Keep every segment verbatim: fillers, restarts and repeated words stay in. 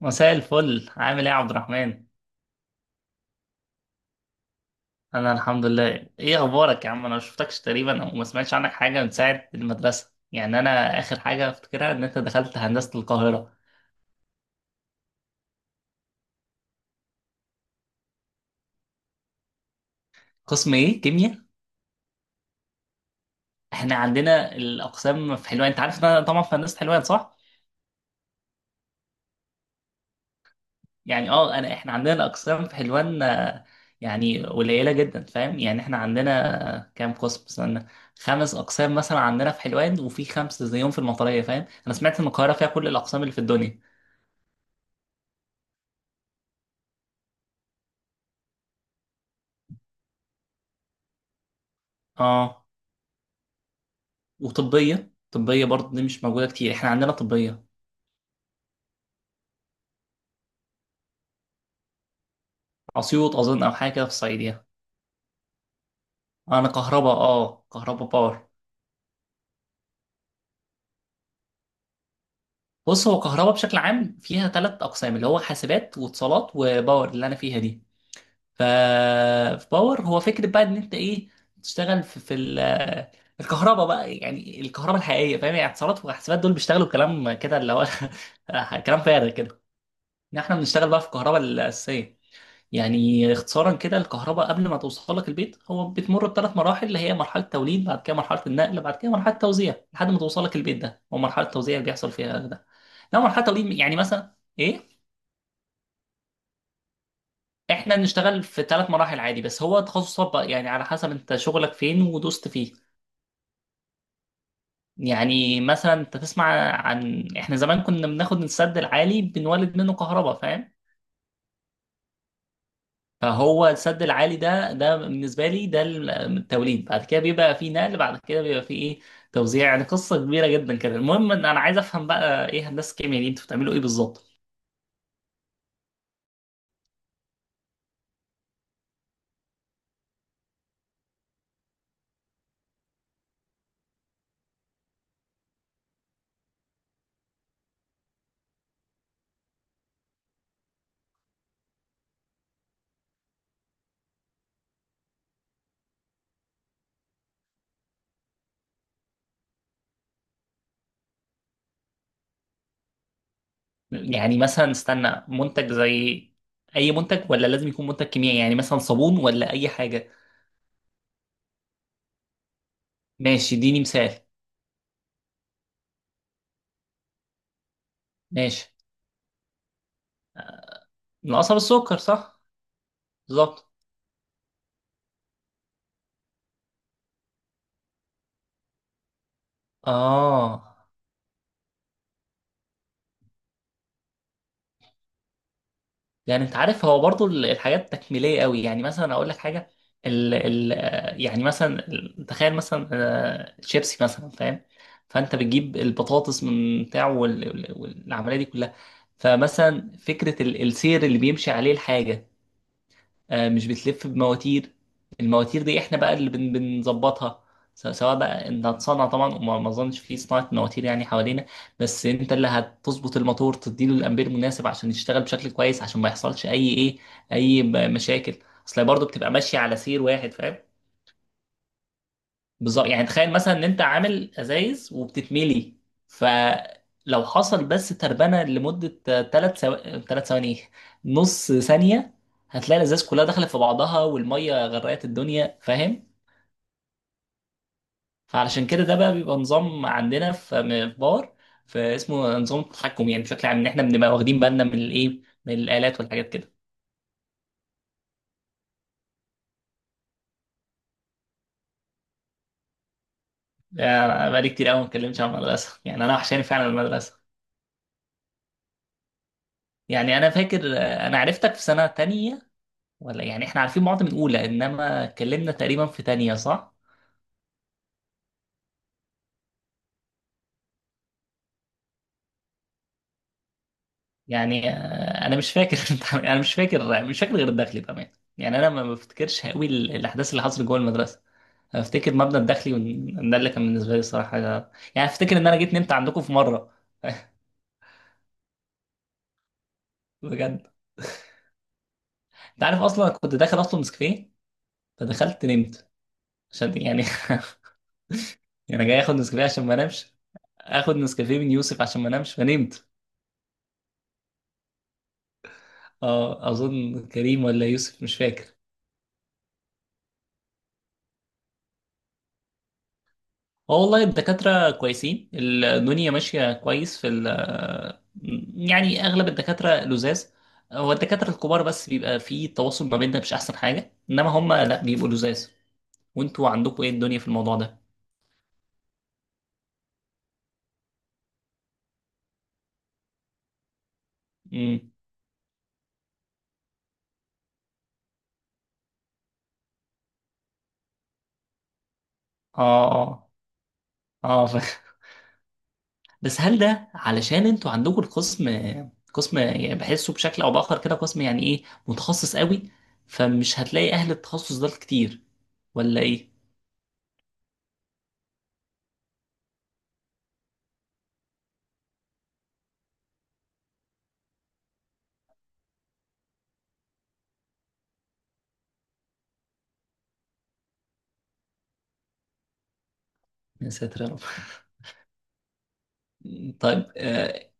مساء الفل، عامل ايه يا عبد الرحمن؟ انا الحمد لله. ايه اخبارك يا عم؟ انا ما شفتكش تقريبا او ما سمعتش عنك حاجه من ساعه المدرسه. يعني انا اخر حاجه افتكرها ان انت دخلت هندسه القاهره. قسم ايه، كيمياء؟ احنا عندنا الاقسام في حلوان، انت عارف ان انا طبعا في هندسه حلوان صح؟ يعني اه انا احنا عندنا الاقسام في حلوان آه، يعني قليله جدا، فاهم؟ يعني احنا عندنا آه، كام قسم، استنى، خمس اقسام مثلا عندنا في حلوان، وفي خمسه زيهم في المطريه، فاهم؟ انا سمعت ان القاهره فيها كل الاقسام اللي في الدنيا. اه، وطبية، طبية برضه دي مش موجودة كتير، احنا عندنا طبية. أسيوط أظن، أو حاجة كده في الصعيدية. أنا كهرباء، اه كهرباء باور. بص، هو كهرباء بشكل عام فيها ثلاث أقسام، اللي هو حاسبات واتصالات وباور اللي أنا فيها دي. ف في باور هو فكرة بقى إن أنت إيه، تشتغل في, في ال... الكهرباء بقى، يعني الكهرباء الحقيقية، فاهم؟ يعني اتصالات وحاسبات دول بيشتغلوا كلام كده اللي هو كلام فارغ كده، إن احنا بنشتغل بقى في الكهرباء الأساسية. يعني اختصارا كده، الكهرباء قبل ما توصل لك البيت هو بتمر بثلاث مراحل، اللي هي مرحلة توليد، بعد كده مرحلة النقل، بعد كده مرحلة توزيع لحد ما توصل لك البيت. ده هو مرحلة توزيع اللي بيحصل فيها ده. لو مرحلة توليد يعني مثلا ايه، احنا بنشتغل في ثلاث مراحل عادي، بس هو تخصصات بقى يعني على حسب انت شغلك فين ودوست فيه. يعني مثلا انت تسمع عن احنا زمان كنا بناخد السد العالي بنولد منه كهرباء، فاهم؟ فهو السد العالي ده، ده بالنسبه لي ده التوليد، بعد كده بيبقى فيه نقل، بعد كده بيبقى فيه ايه، توزيع. يعني قصه كبيره جدا كده. المهم ان انا عايز افهم بقى ايه هندسه الكيمياء دي، انتوا بتعملوا ايه بالظبط؟ يعني مثلا استنى، منتج زي اي منتج، ولا لازم يكون منتج كيميائي؟ يعني مثلا صابون ولا اي حاجه؟ ماشي اديني مثال. ماشي. القصب السكر صح. بالظبط. اه، يعني انت عارف هو برضو ال- الحاجات تكميليه قوي، يعني مثلا اقول لك حاجه، ال ال يعني مثلا ال- تخيل مثلا آه، شيبسي مثلا، فاهم؟ فانت بتجيب البطاطس من بتاعه، وال- وال- والعمليه دي كلها، فمثلا فكره ال- السير اللي بيمشي عليه الحاجه آه، مش بتلف بمواتير؟ المواتير دي احنا بقى اللي بن- بنظبطها. س- سواء بقى انت هتصنع طبعا، وما ما اظنش في صناعة مواتير يعني حوالينا، بس انت اللي هتظبط الموتور، تديله الامبير المناسب عشان يشتغل بشكل كويس، عشان ما يحصلش اي ايه، اي ب- مشاكل. اصل هي برضه بتبقى ماشية على سير واحد، فاهم؟ بالظبط. يعني تخيل مثلا ان انت عامل ازايز وبتتملي، فلو حصل بس تربنه لمده ثلاث ثو... ثلاث ثواني، ايه، نص ثانيه، هتلاقي الازاز كلها دخلت في بعضها والميه غرقت الدنيا، فاهم؟ فعلشان كده ده بقى بيبقى نظام عندنا في م- في باور، فاسمه نظام التحكم. يعني بشكل عام ان احنا بنبقى واخدين بالنا من الايه، من الالات والحاجات كده. يعني بقالي كتير قوي ما اتكلمتش عن المدرسه، يعني انا وحشاني فعلا المدرسه. يعني انا فاكر آه، انا عرفتك في سنه تانية، ولا يعني احنا عارفين بعض من اولى، انما اتكلمنا تقريبا في تانية صح؟ يعني آه، انا مش فاكر. انا مش فاكر، مش فاكر غير الداخلي بامان. يعني انا ما ما بفتكرش قوي ال- الاحداث اللي حصلت جوه المدرسه. أنا افتكر مبنى الداخلي، وإن- ده اللي كان بالنسبه لي الصراحه حاجه، يعني افتكر ان انا جيت نمت عندكم في مره. بجد، انت عارف اصلا كنت داخل اطلب نسكافيه فدخلت نمت عشان يعني يعني جاي اخد نسكافيه عشان ما انامش، اخد نسكافيه من يوسف عشان ما انامش فنمت. اه اظن كريم ولا يوسف، مش فاكر. اه والله الدكاترة كويسين، الدنيا ماشية كويس في ال، يعني أغلب الدكاترة لزاز. هو الدكاترة الكبار بس بيبقى في تواصل ما بيننا مش أحسن حاجة، إنما هم لأ بيبقوا لزاز. وأنتوا عندكم إيه الدنيا في الموضوع ده؟ امم. اه اه. اه ف... بس هل ده علشان أنتوا عندكم القسم، قسم يعني بحسه بشكل أو بآخر كده قسم يعني إيه متخصص قوي، فمش هتلاقي أهل التخصص ده كتير، ولا إيه؟ يا ساتر يا رب. طيب آه،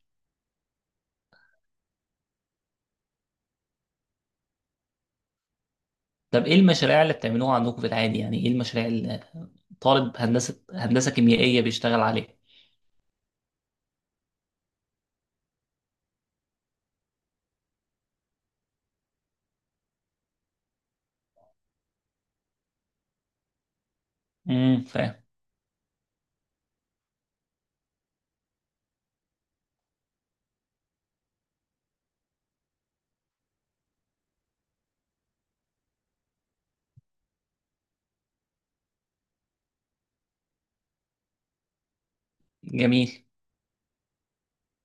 طب ايه المشاريع اللي بتعملوها عندكم في العادي؟ يعني ايه المشاريع اللي طالب هندسة هندسة كيميائية بيشتغل عليها؟ امم، فاهم. جميل.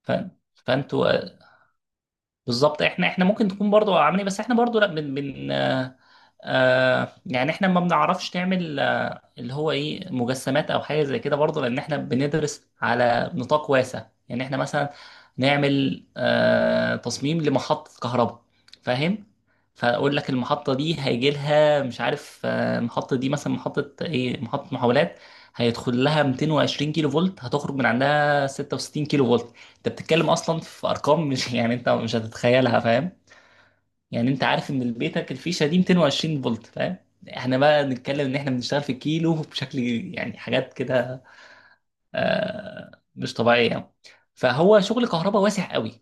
ف... فانتوا بالظبط احنا، احنا ممكن تكون برضو عاملين إيه، بس احنا برضو لا بن بن آه آه يعني احنا ما بنعرفش نعمل آه اللي هو ايه، مجسمات او حاجه زي كده برضو، لان احنا بندرس على نطاق واسع. يعني احنا مثلا نعمل آه تصميم لمحطه كهرباء، فاهم؟ فاقول لك المحطه دي هيجي لها مش عارف، آه، المحطه دي مثلا محطه ايه، محطه محولات، هيدخل لها مئتين وعشرين كيلو فولت، هتخرج من عندها ستة وستين كيلو فولت. انت بتتكلم اصلا في ارقام مش يعني انت مش هتتخيلها، فاهم؟ يعني انت عارف ان البيتك الفيشه دي مئتين وعشرين فولت، فاهم؟ احنا بقى نتكلم ان احنا بنشتغل في كيلو بشكل يعني حاجات كده آه مش طبيعيه يعني. فهو شغل كهرباء واسع قوي،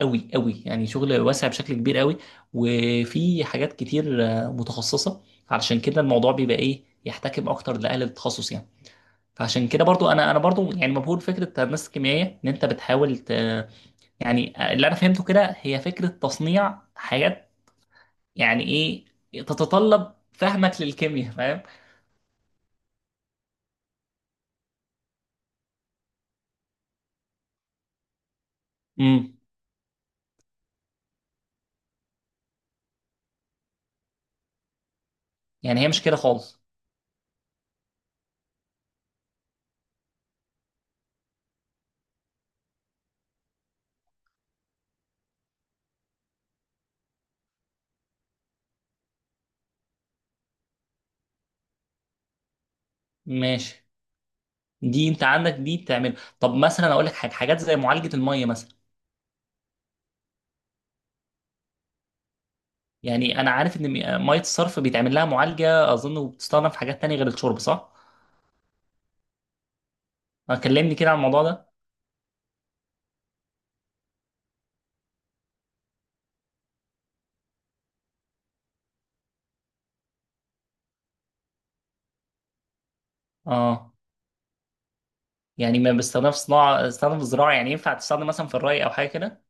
قوي قوي، يعني شغل واسع بشكل كبير قوي. وفي حاجات كتير آه، متخصصه، علشان كده الموضوع بيبقى ايه، يحتكم اكتر لاهل التخصص يعني. فعشان كده برضو انا انا برضو يعني مبهور فكره الناس الكيميائيه ان انت بتحاول ت- يعني اللي انا فهمته كده هي فكره تصنيع حاجات يعني، ايه، تتطلب فهمك للكيمياء، فاهم؟ امم. يعني هي مش كده خالص. ماشي. دي انت عندك دي تعمل؟ طب مثلا اقول لك حاجه، حاجات زي معالجه الميه مثلا. يعني انا عارف ان م- ميه الصرف بيتعمل لها معالجه اظن، وبتستخدم في حاجات تانية غير الشرب صح؟ آه، كلمني كده عن الموضوع ده. اه، يعني ما بيستخدم في صناعه، استخدام في الزراعه يعني، ينفع تستخدم مثلا في الري او حاجه كده؟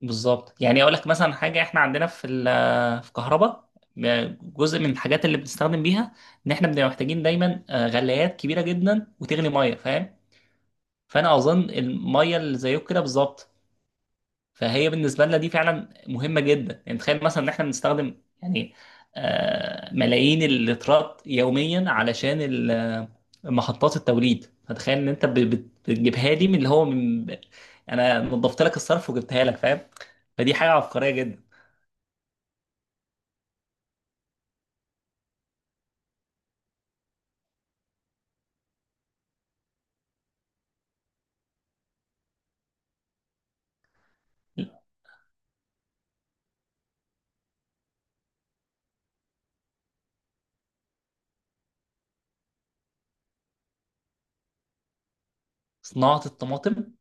بالظبط. يعني اقول لك مثلا حاجه، احنا عندنا في ال- في كهرباء، جزء من الحاجات اللي بنستخدم بيها ان احنا بنبقى محتاجين دايما آه، غلايات كبيره جدا، وتغلي ميه، فاهم؟ فانا اظن الميه اللي زيك كده بالظبط. فهي بالنسبه لنا دي فعلا مهمه جدا. يعني تخيل مثلا ان احنا بنستخدم يعني آه، ملايين اللترات يوميا علشان ال- آه، محطات التوليد. فتخيل ان انت ب- بت- بتجيبها لي من اللي هو من، انا نظفت لك الصرف وجبتها لك، فاهم؟ فدي حاجه عبقريه جدا. صناعة الطماطم.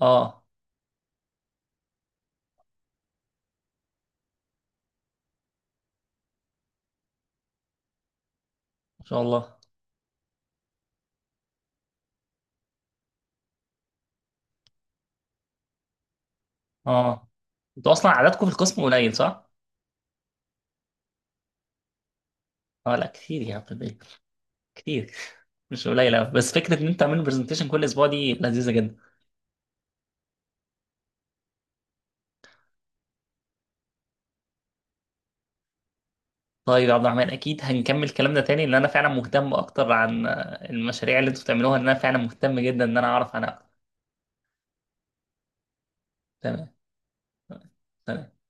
اه ما شاء الله. اه، انتوا اصلا عددكم في القسم قليل صح؟ اه لا كتير يا عبد الباقي، كتير، مش قليل أوي. بس فكرة ان انت تعمل برزنتيشن كل اسبوع دي لذيذة جدا. طيب يا عبد الرحمن، اكيد هنكمل كلامنا تاني، لان انا فعلا مهتم اكتر عن آه، المشاريع اللي انتوا بتعملوها، لان انا فعلا مهتم جدا ان انا اعرف عنها اكتر. تمام. تمام.